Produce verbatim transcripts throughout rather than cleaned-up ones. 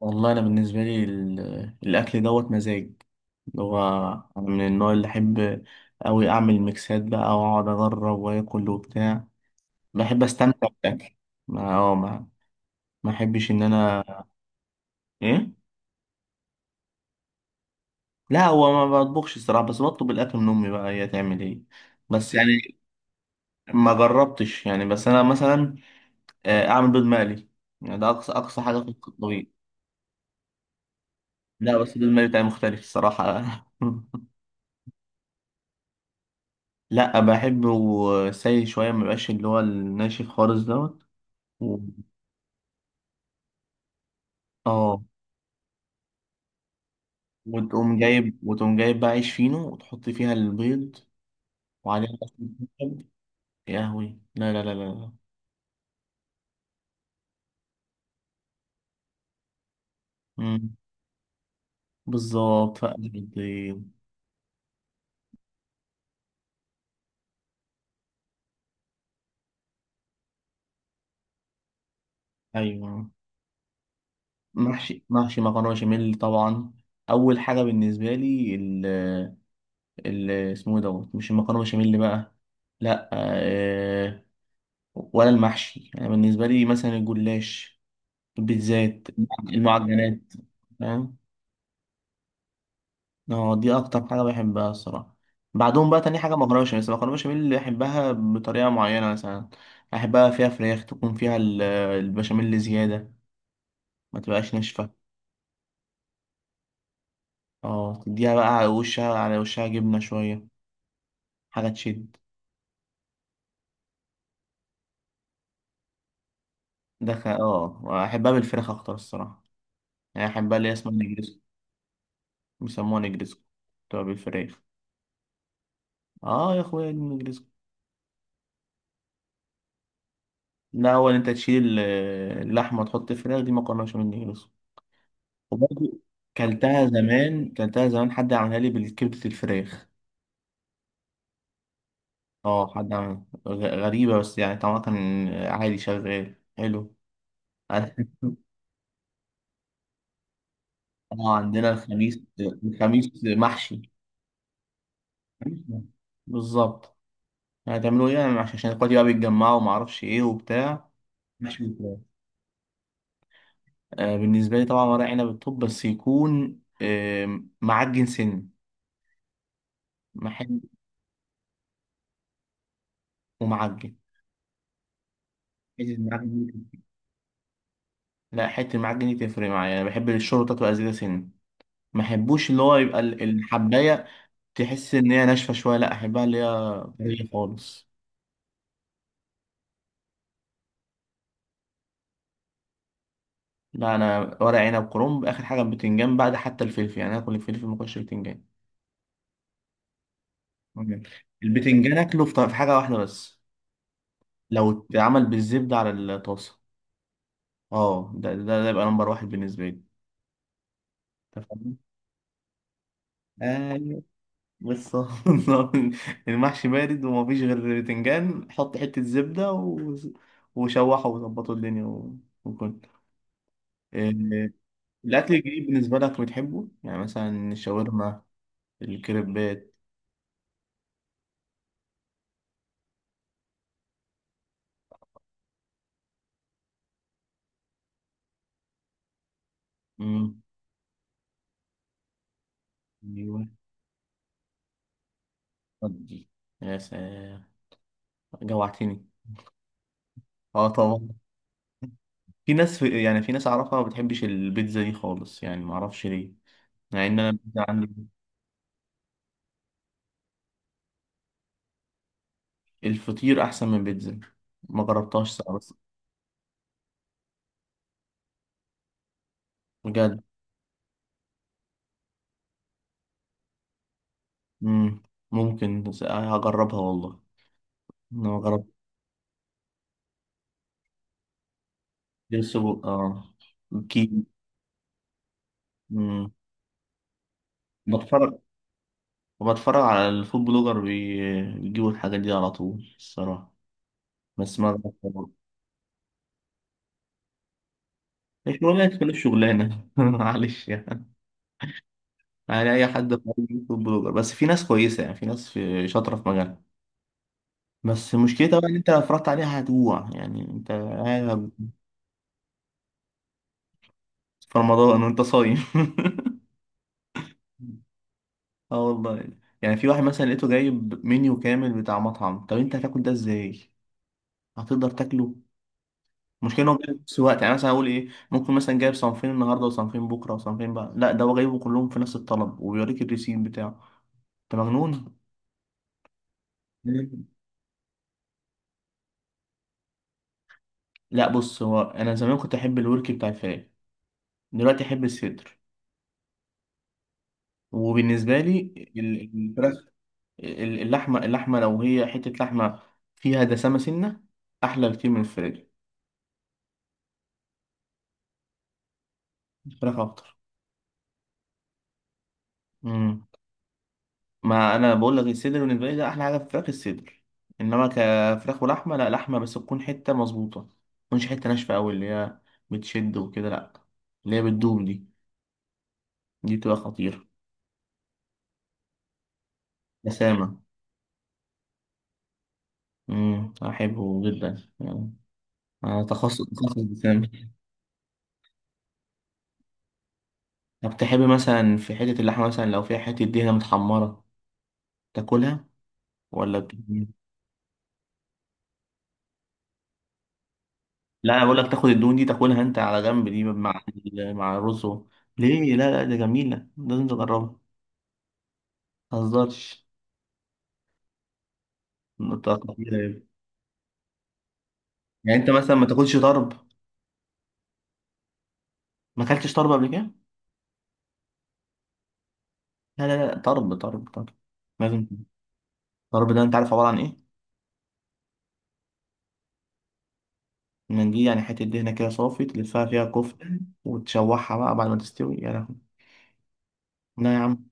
والله انا بالنسبه لي ال- الاكل دوت مزاج اللي هو انا من النوع اللي احب اوي اعمل ميكسات بقى واقعد اجرب واكل وبتاع. بحب استمتع بالاكل. ما اه ما ما احبش ان انا. ايه. لا هو ما بطبخش الصراحه، بس بطلب الاكل من امي بقى هي تعمل ايه. بس يعني ما جربتش يعني، بس انا مثلا آه، اعمل بيض مقلي، يعني ده اقصى اقصى حاجه في الطبيخ. لا بس البيض المقلي بتاعي مختلف الصراحه. لا بحبه. سايل شوية مبقاش اللي هو الناشف خالص دوت و... اه. وتقوم جايب وتقوم جايب بقى عيش فينو وتحط فيها البيض وعليها بقى شوية كاتشب. يا هوي لا لا لا لا لا. مم. بالظبط فقد البيض. أيوه. محشي محشي مكرونة بشاميل طبعا. أول حاجة بالنسبة لي ال ال اسمه إيه دوت، مش المكرونة بشاميل بقى، لا آه، ولا المحشي، أنا بالنسبة لي مثلا الجلاش، البيتزات، المعجنات. فاهم. اه دي اكتر حاجه بحبها الصراحه. بعدهم بقى تاني حاجه مكرونه بشاميل، بس المكرونه بشاميل اللي بحبها بطريقه معينه مثلا احبها فيها فراخ، تكون فيها ال- البشاميل زياده، ما تبقاش ناشفه. اه تديها بقى على وشها على وشها جبنه شويه، حاجه تشد. ده خ- اه احبها بالفراخ اكتر الصراحه. يعني احبها اللي هي اسمها نجرسكو. بيسموها نجرسكو. بتبقى بالفراخ. اه يا اخويا دي نجرسكو. لا اول انت تشيل ال- اللحمه وتحط الفراخ، دي مكرونه بشاميل نجرسكو. وبرضه كلتها زمان كلتها زمان حد عملها لي بالكبدة الفراخ. اه حد عملها غ- غريبة، بس يعني طعمها كان عادي شغال حلو. اه. عندنا الخميس. الخميس محشي. بالظبط. هتعملوا ايه يعني عشان اخواتي بقى بيتجمعوا وما اعرفش ايه وبتاع. محشي بالفراخ. آه بالنسبة لي طبعا ورق عنب، الطب بس يكون آه معجن سن، محل ومعجن. حتة المعجن دي- لا حتة المعجن دي تفرق معايا، انا بحب الشوربة تبقى زيادة سن، ما احبوش اللي هو يبقى ال- الحبايه، تحس ان هي ناشفه شويه، لا احبها اللي هي طريه خالص. لا انا ورق عنب كرنب اخر حاجه، البتنجان بعد حتى الفلفل، يعني اكل الفلفل ما اكلش البتنجان. تمام. البتنجان اكله في في حاجه واحده بس، لو اتعمل بالزبده على الطاسه، اه ده ده, ده يبقى نمبر واحد بالنسبه لي. أنت فاهم؟ ايوه. بالظبط. المحشي بارد ومفيش غير بتنجان، حط حته زبده و... وشوحه وظبطوا الدنيا و... وكل. آه، الأكل الجديد بالنسبة لك بتحبه؟ يعني مثلا الشاورما، الكريبات. مم. أيوه. ودي يا سلام، جوعتني. اه طبعا. في ناس في يعني في ناس أعرفها ما بتحبش البيتزا دي خالص، يعني ما أعرفش ليه، مع إن أنا البيتزا عندي. الفطير أحسن من البيتزا. ما جربتهاش ساعة بس. بجد. مم. ممكن بس هجربها والله. أنا ما جربت. السجق اه. كي بتفرج وبتفرج على الفود بلوجر، بي- بيجيبوا الحاجات دي على طول الصراحة. بس ما الشغلانة تكون شغلانة، معلش يعني. يعني أي حد في أي فود بلوجر، بس في ناس كويسة، يعني في ناس، في شاطرة في مجالها. بس مشكلتها بقى إن أنت لو اتفرجت عليها هتجوع، يعني أنت قاعد في رمضان وأنت صايم. اه والله. يعني في واحد مثلا لقيته جايب منيو كامل بتاع مطعم، طب أنت هتاكل ده إزاي؟ هتقدر تاكله؟ المشكله ان هو جايب نفس الوقت، يعني مثلا اقول ايه، ممكن مثلا جايب صنفين النهارده وصنفين بكره وصنفين، بقى لا ده هو جايبه كلهم في نفس الطلب وبيوريك الريسيم بتاعه. انت مجنون. مم. لا بص، هو انا زمان كنت احب الورك بتاع الفراخ، دلوقتي احب الصدر. وبالنسبه لي ال- الفراخ، ال- اللحمه اللحمه لو هي حته لحمه فيها دسامه سنه، احلى بكتير من الفراخ. الفراخ اكتر. ما انا بقول لك الصدر بالنسبه لي ده احلى حاجه في الفراخ، الصدر. انما كفراخ ولحمه، لا لحمه بس تكون حته مظبوطه، ما تكونش حته ناشفه قوي اللي هي بتشد وكده، لا اللي هي بتدوب، دي دي بتبقى خطيره. بسامه. امم احبه جدا يعني. انا تخصص تخصص بسامه. طب تحب مثلا في حته اللحمه مثلا لو فيها حته دهنه متحمره تاكلها، ولا بت... لا انا بقول لك تاخد الدهون دي تاكلها انت على جنب، دي مع مع الرز و- ليه لا لا، ده جميله، لازم تجربها. متهزرش. متوقع كده يعني. يعني انت مثلا ما تاكلش طرب؟ ما اكلتش طرب قبل كده؟ لا لا لا، طرب طرب طرب، لازم. الطرب ده انت عارف عباره عن ايه؟ منديل، يعني حته دهنه كده صافي تلفها فيها كفته وتشوحها بقى بعد ما تستوي. يا لهوي لا يا عم،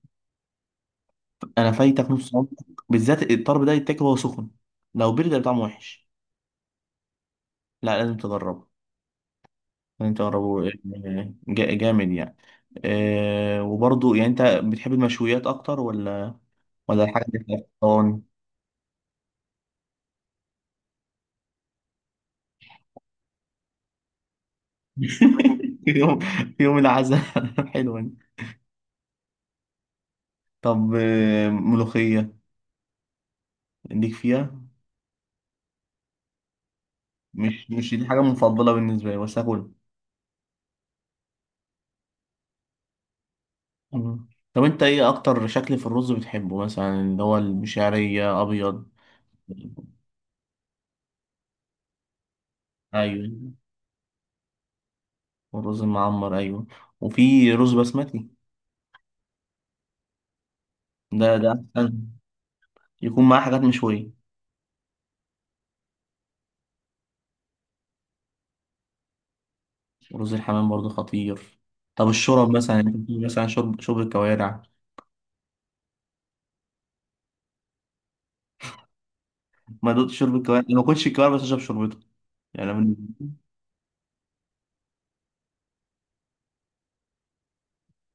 انا فايتك نص عمرك. بالذات الطرب ده يتاكل وهو سخن، لو برد هيبقى طعمه وحش. لا لازم تجربه، لازم تجربه آه، جا- جامد يعني. آه، وبرضه يعني انت بتحب المشويات اكتر، ولا ولا الحاجه اللي في الطبخ؟ في يوم في يوم العزاء. حلوة دي. طب آه، ملوخية ليك فيها؟ مش مش دي حاجة مفضلة بالنسبة لي بس هاكلها. مم. طب انت ايه اكتر شكل في الرز بتحبه، مثلا اللي هو المشعرية ابيض؟ ايوه. والرز المعمر ايوه. وفي رز بسمتي. ده ده احسن. يكون معاه حاجات مشوية. ورز الحمام برضه خطير. طب الشرب مثلا، انت بتقول مثلا شرب شرب الكوارع. ما دقت شرب الكوارع، أنا ما كنتش الكوارع بس اشرب شربته. يعني أنا من-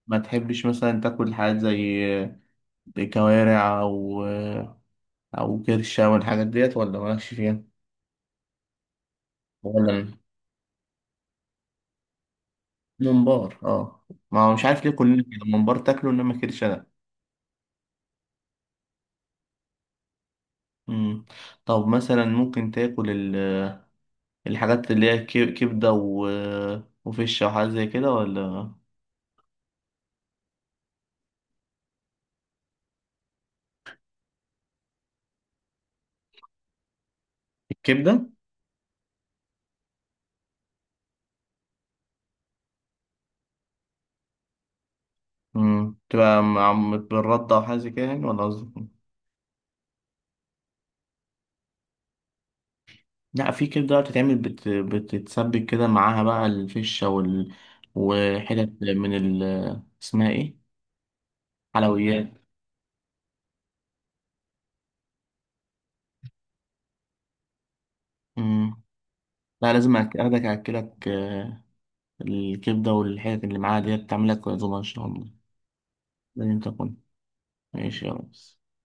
ما تحبش مثلا تاكل حاجات زي كوارع او او كرشه والحاجات ديت، ولا مالكش فيها؟ ولا ممبار؟ اه. ما هو مش عارف ليه كلنا كده ممبار تاكله انما كرشه لا. مم. طب مثلا ممكن تاكل ال- الحاجات اللي هي كي- كبده و... وفشه وحاجات زي كده، ولا الكبده امم تبقى مع، بالرده وحاجه زي كده يعني، ولا قصدك؟ لا في كبدة بقى بتتعمل بت... بتتسبك كده معاها بقى الفشة وال... وحتت من ال... اسمها ايه؟ حلويات. مم. لا لازم أك- اخدك اكلك، آه، الكبدة والحتت اللي معاها ديت تعملك عزومة ان شاء الله. لازم تكون ماشي يا ريس.